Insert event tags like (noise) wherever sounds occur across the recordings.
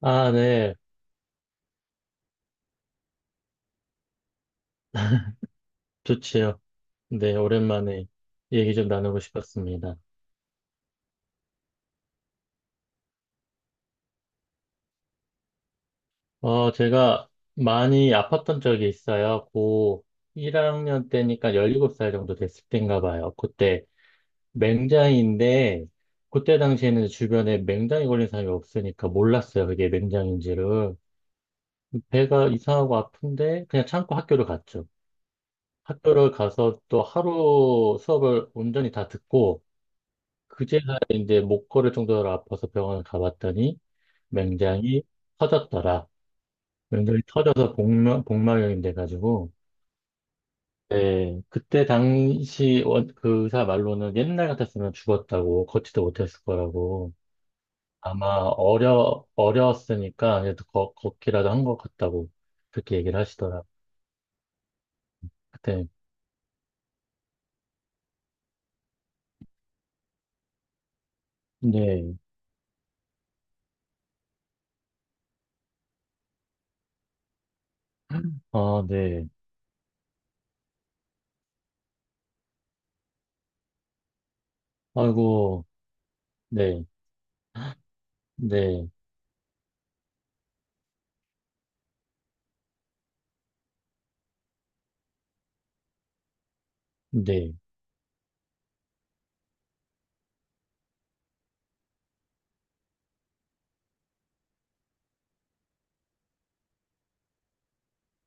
아, 네. (laughs) 좋지요. 네, 오랜만에 얘기 좀 나누고 싶었습니다. 어, 제가 많이 아팠던 적이 있어요. 고 1학년 때니까 17살 정도 됐을 때인가 봐요. 그때 맹장인데, 그때 당시에는 주변에 맹장이 걸린 사람이 없으니까 몰랐어요. 그게 맹장인지를. 배가 이상하고 아픈데, 그냥 참고 학교를 갔죠. 학교를 가서 또 하루 수업을 온전히 다 듣고, 그제야 이제 목 걸을 정도로 아파서 병원을 가봤더니 맹장이 터졌더라. 맹장이 터져서 복막염이 돼가지고, 네 그때 당시 원, 그 의사 말로는 옛날 같았으면 죽었다고, 걷지도 못했을 거라고. 아마 어려웠으니까 그래도 걷기라도 한 것 같다고 그렇게 얘기를 하시더라. 그때, 네. 아, 네. 아이고, 네, 네, 네.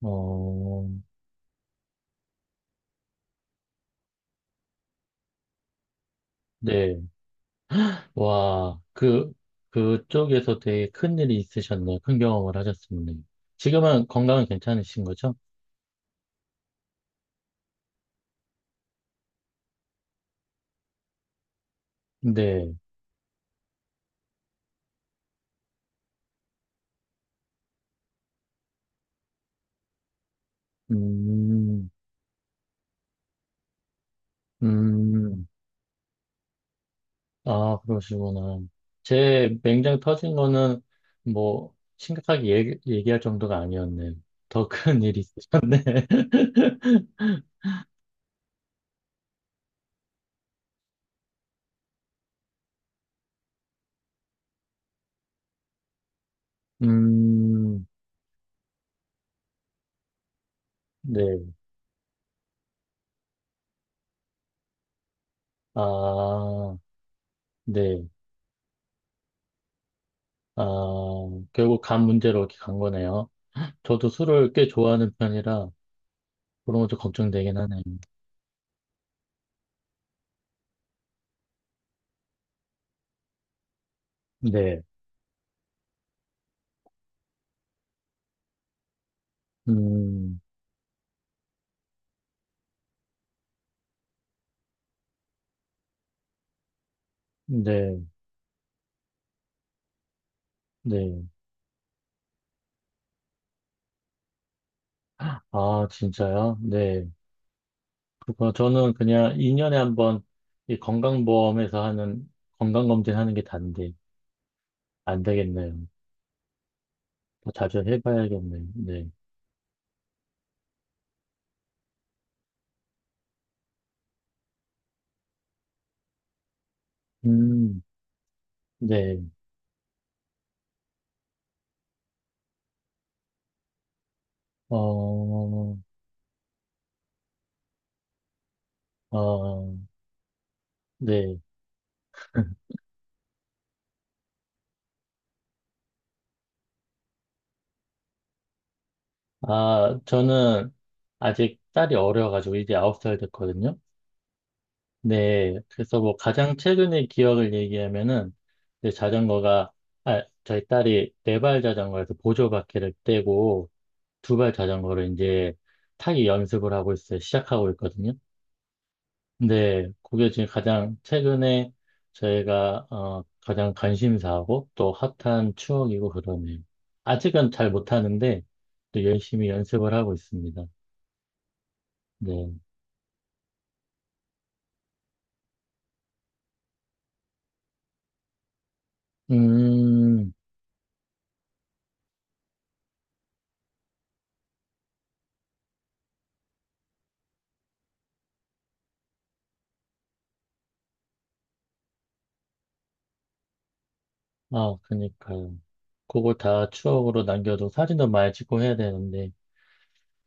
어, 네. 와, 그, 그쪽에서 되게 큰 일이 있으셨네요. 큰 경험을 하셨었네요. 지금은 건강은 괜찮으신 거죠? 네. 음, 음, 아, 그러시구나. 제 맹장 터진 거는 뭐, 심각하게 얘기할 정도가 아니었네요. 더 큰 일이 있으셨네. (laughs) 음, 네. 아, 네. 아, 결국 간 문제로 이렇게 간 거네요. 저도 술을 꽤 좋아하는 편이라, 그런 것도 걱정되긴 하네요. 네. 음, 네, 네. 아, 진짜요? 네. 그거 저는 그냥 2년에 한 번 이 건강보험에서 하는 건강검진 하는 게 단데, 안 되겠네요. 더 자주 해봐야겠네요. 네. 음, 네. 어, 어, 네. 아, 저는 아직 딸이 어려가지고 이제 9살 됐거든요. 네, 그래서 뭐 가장 최근의 기억을 얘기하면은 이제 자전거가 아, 저희 딸이 네 발 자전거에서 보조 바퀴를 떼고 두 발 자전거를 이제 타기 연습을 하고 있어요. 시작하고 있거든요. 근데 그게 지금 가장 최근에 저희가 어, 가장 관심사하고 또 핫한 추억이고 그러네요. 아직은 잘 못하는데 또 열심히 연습을 하고 있습니다. 네. 음. 아, 그니까요. 그걸 다 추억으로 남겨두고 사진도 많이 찍고 해야 되는데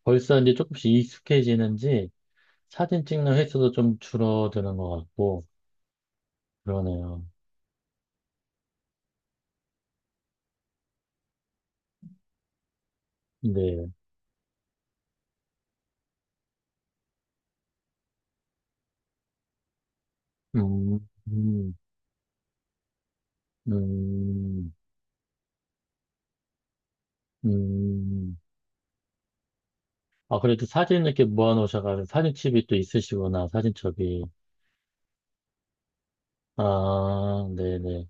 벌써 이제 조금씩 익숙해지는지 사진 찍는 횟수도 좀 줄어드는 것 같고 그러네요. 네. 음, 음, 음, 음. 아, 그래도 사진 이렇게 모아놓으셔가지고 사진첩이 또 있으시구나, 사진첩이. 아, 네네.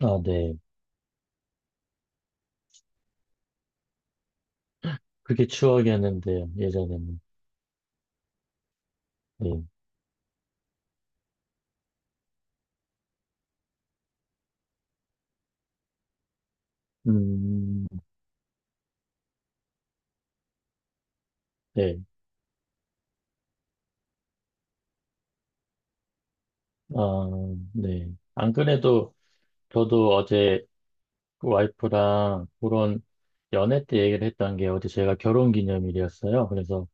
아, 네. 그게 추억이었는데요, 예전에는. 네. 음, 네. 아, 네. 안 그래도 저도 어제 그 와이프랑 그런 연애 때 얘기를 했던 게 어제 제가 결혼 기념일이었어요. 그래서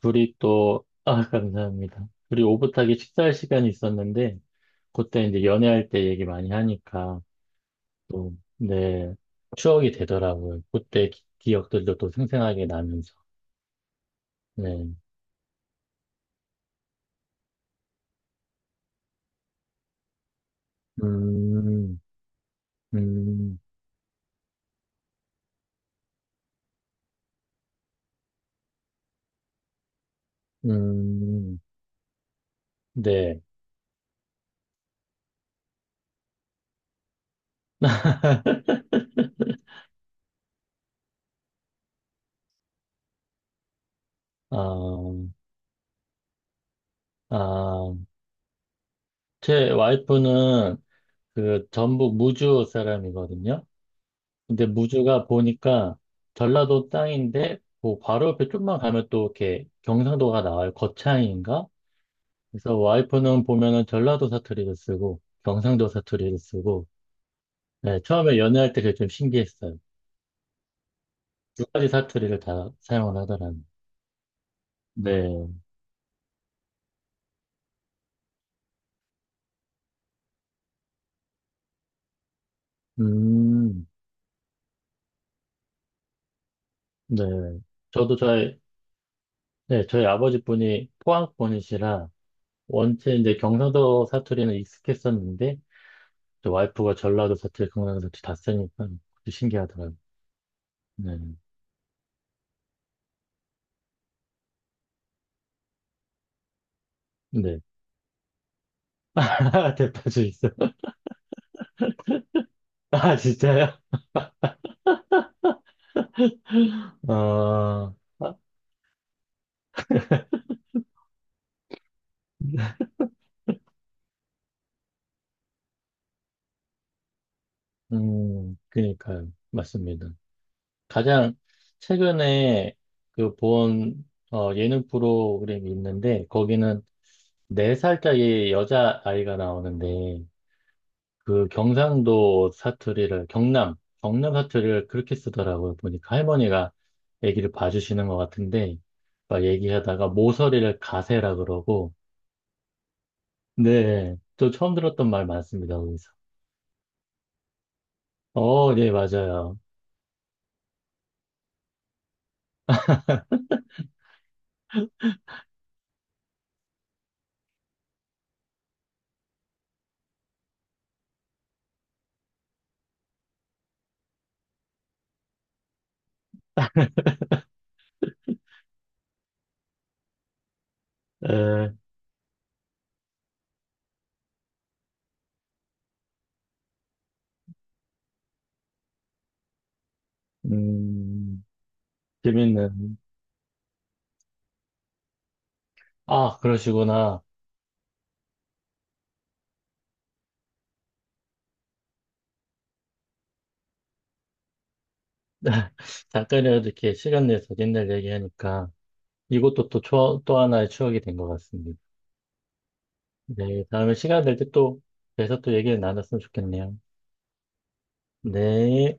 둘이 또, 아, (laughs) 감사합니다. 둘이 오붓하게 식사할 시간이 있었는데, 그때 이제 연애할 때 얘기 많이 하니까 또, 네, 추억이 되더라고요. 그때 기, 억들도또 생생하게 나면서. 네. 음, 음, 음, 네. (laughs) 아, 아, 제 와이프는 그 전북 무주 사람이거든요. 근데 무주가 보니까 전라도 땅인데 그 바로 옆에 좀만 가면 또 이렇게 경상도가 나와요. 거창인가? 그래서 와이프는 보면은 전라도 사투리를 쓰고 경상도 사투리를 쓰고 네, 처음에 연애할 때 그게 좀 신기했어요. 두 가지 사투리를 다 사용을 하더라고요. 네. 음. 네. 저도 저희 네, 저희 아버지 분이 포항 분이시라 원체 이제 경상도 사투리는 익숙했었는데 저 와이프가 전라도 사투리, 경상도 사투리 다 쓰니까 그것도 신기하더라고요. 네. 네. (laughs) 대파주 있어. 아, 진짜요? 어, 아, 그니까요. 맞습니다. 가장 최근에 그 본, 어, 예능 프로그램이 있는데, 거기는 네살짜리 여자아이가 나오는데, 그 경상도 사투리를, 경남 사투리를 그렇게 쓰더라고요. 보니까 할머니가 얘기를 봐주시는 것 같은데, 막 얘기하다가 모서리를 가세라 그러고, 네, 또 처음 들었던 말 많습니다, 거기서. 어, 네, 맞아요. (laughs) 에, 음, 재밌는. 아, 그러시구나. (laughs) 잠깐이라도 이렇게 시간 내서 옛날 얘기하니까 이것도 또, 추억- 또 하나의 추억이 된 것 같습니다. 네, 다음에 시간 될 때 또, 그래서 또 얘기를 나눴으면 좋겠네요. 네.